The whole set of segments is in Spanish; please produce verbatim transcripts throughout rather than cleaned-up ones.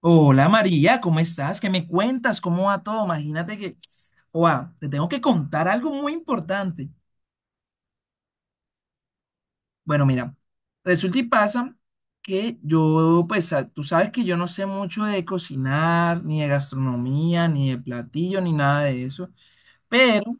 Hola María, ¿cómo estás? ¿Qué me cuentas? ¿Cómo va todo? Imagínate que, wow, te tengo que contar algo muy importante. Bueno, mira, resulta y pasa que yo, pues a- tú sabes que yo no sé mucho de cocinar, ni de gastronomía, ni de platillo, ni nada de eso, pero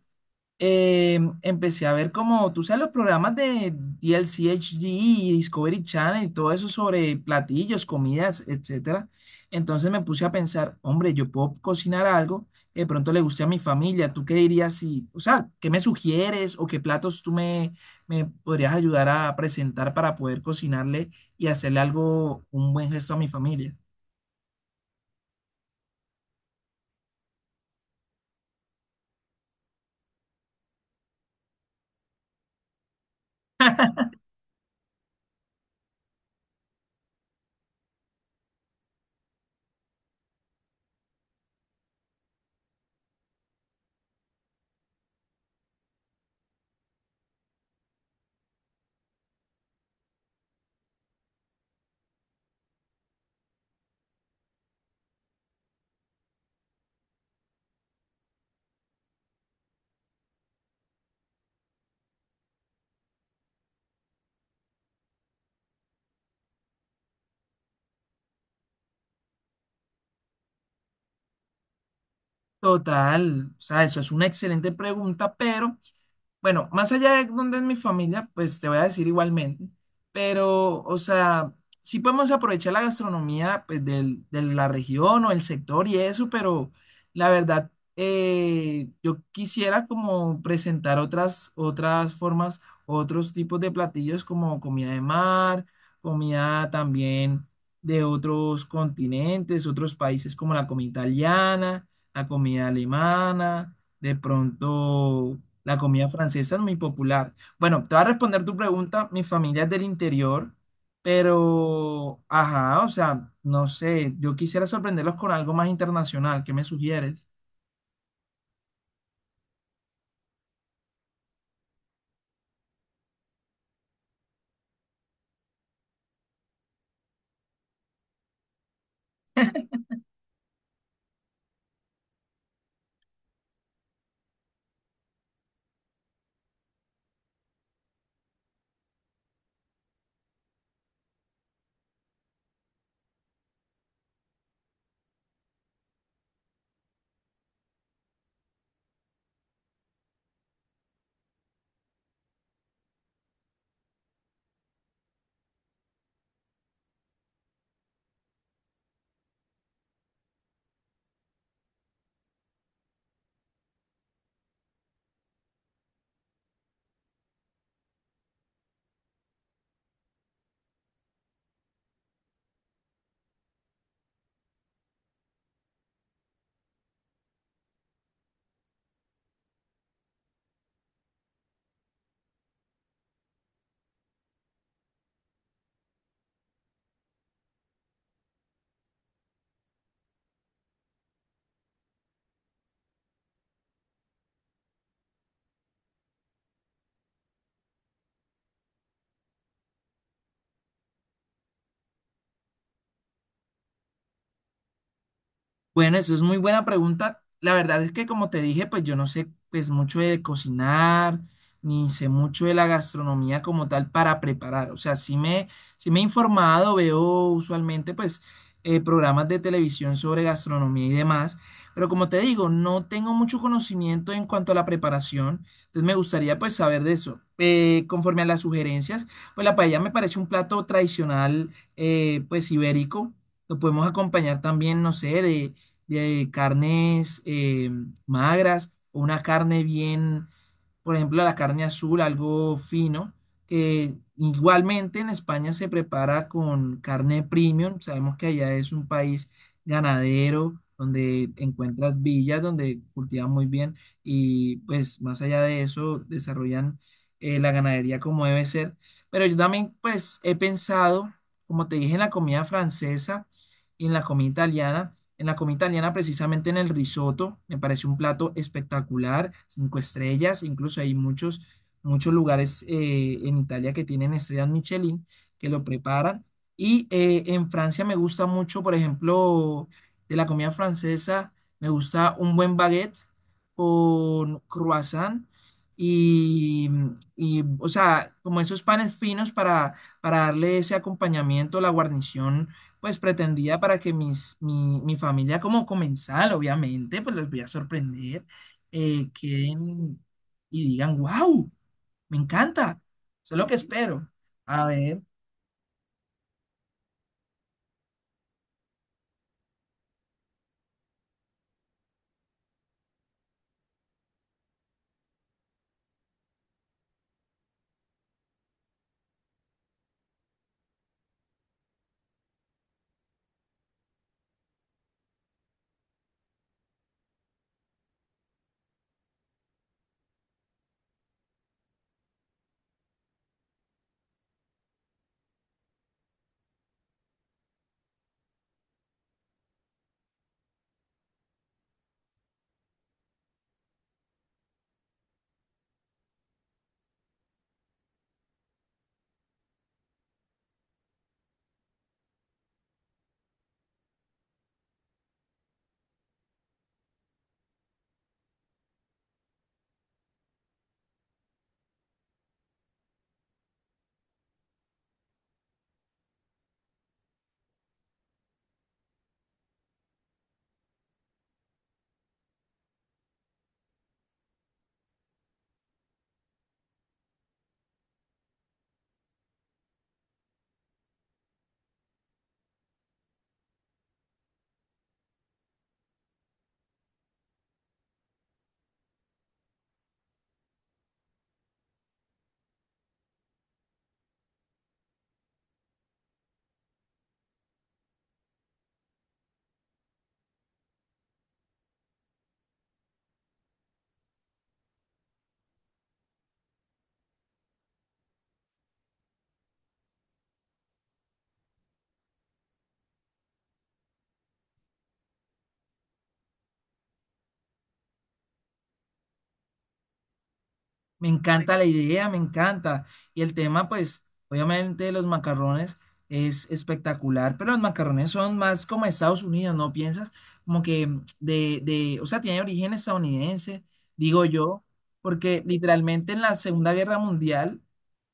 eh, empecé a ver como, tú sabes, los programas de D L C H D y Discovery Channel y todo eso sobre platillos, comidas, etcétera. Entonces me puse a pensar, hombre, yo puedo cocinar algo que de pronto le guste a mi familia. ¿Tú qué dirías si, o sea, qué me sugieres o qué platos tú me, me podrías ayudar a presentar para poder cocinarle y hacerle algo, un buen gesto a mi familia? Total, o sea, eso es una excelente pregunta, pero bueno, más allá de dónde es mi familia, pues te voy a decir igualmente, pero, o sea, sí podemos aprovechar la gastronomía pues, del- de la región o el sector y eso, pero la verdad, eh, yo quisiera como presentar otras, otras formas, otros tipos de platillos como comida de mar, comida también de otros continentes, otros países como la comida italiana, la comida alemana. De pronto, la comida francesa es muy popular. Bueno, te voy a responder tu pregunta. Mi familia es del interior, pero, ajá, o sea, no sé, yo quisiera sorprenderlos con algo más internacional. ¿Qué me sugieres? Bueno, eso es muy buena pregunta. La verdad es que como te dije, pues yo no sé pues mucho de cocinar, ni sé mucho de la gastronomía como tal para preparar. O sea, sí me, sí me he informado, veo usualmente pues eh, programas de televisión sobre gastronomía y demás, pero como te digo, no tengo mucho conocimiento en cuanto a la preparación, entonces me gustaría pues saber de eso. Eh, conforme a las sugerencias, pues la paella me parece un plato tradicional eh, pues ibérico. Lo podemos acompañar también, no sé, de de carnes eh, magras, o una carne bien, por ejemplo, la carne azul, algo fino, que igualmente en España se prepara con carne premium. Sabemos que allá es un país ganadero, donde encuentras villas, donde cultivan muy bien y pues más allá de eso desarrollan eh, la ganadería como debe ser. Pero yo también pues he pensado, como te dije, en la comida francesa y en la comida italiana. En la comida italiana, precisamente en el risotto, me parece un plato espectacular, cinco estrellas, incluso hay muchos, muchos lugares eh, en Italia que tienen estrellas Michelin que lo preparan. Y eh, en Francia me gusta mucho, por ejemplo, de la comida francesa, me gusta un buen baguette con croissant y, y, o sea, como esos panes finos para, para darle ese acompañamiento, la guarnición pues pretendía para que mis, mi, mi familia como comensal, obviamente, pues les voy a sorprender, eh, queden y digan, wow, me encanta, eso es lo que espero. A ver, me encanta la idea, me encanta. Y el tema, pues, obviamente los macarrones es espectacular, pero los macarrones son más como Estados Unidos, ¿no piensas? Como que mm, de, de, o sea, tiene origen estadounidense, digo yo, porque literalmente en la Segunda Guerra Mundial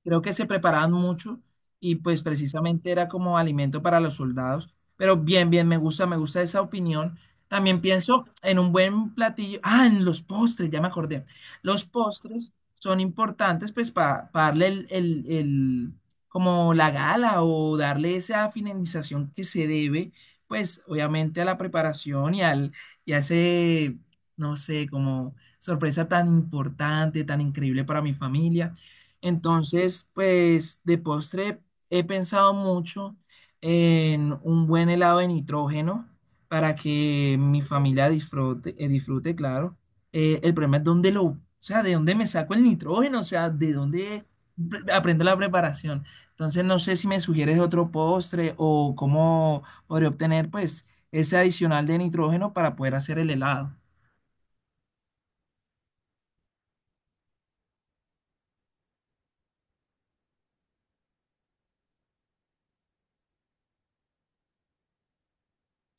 creo que se preparaban mucho y pues precisamente era como alimento para los soldados. Pero bien, bien, me gusta, me gusta esa opinión. También pienso en un buen platillo, ah, en los postres, ya me acordé. Los postres son importantes pues para darle el, el- el- como la gala o darle esa finalización que se debe pues obviamente a la preparación y al y a ese no sé como sorpresa tan importante, tan increíble para mi familia. Entonces pues de postre he pensado mucho en un buen helado de nitrógeno para que mi familia disfrute, eh, disfrute, claro eh, el problema es dónde lo, o sea, de dónde me saco el nitrógeno, o sea, de dónde pre- aprendo la preparación. Entonces, no sé si me sugieres otro postre o cómo podría obtener, pues, ese adicional de nitrógeno para poder hacer el helado.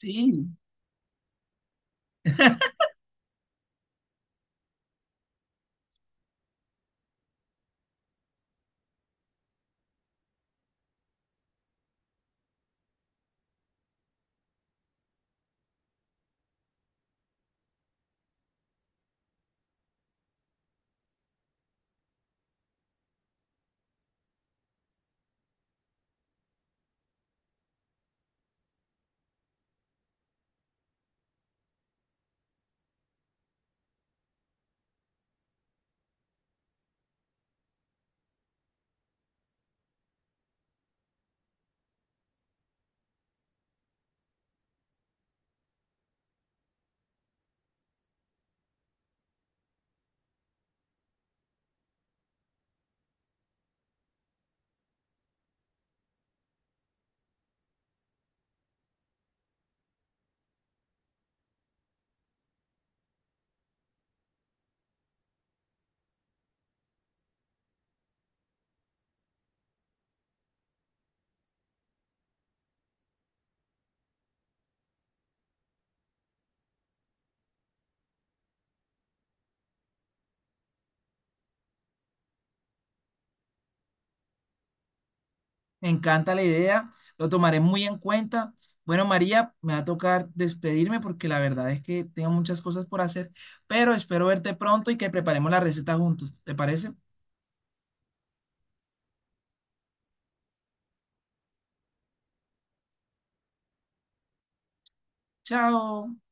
Sí, me encanta la idea, lo tomaré muy en cuenta. Bueno, María, me va a tocar despedirme porque la verdad es que tengo muchas cosas por hacer, pero espero verte pronto y que preparemos la receta juntos. ¿Te parece? Chao.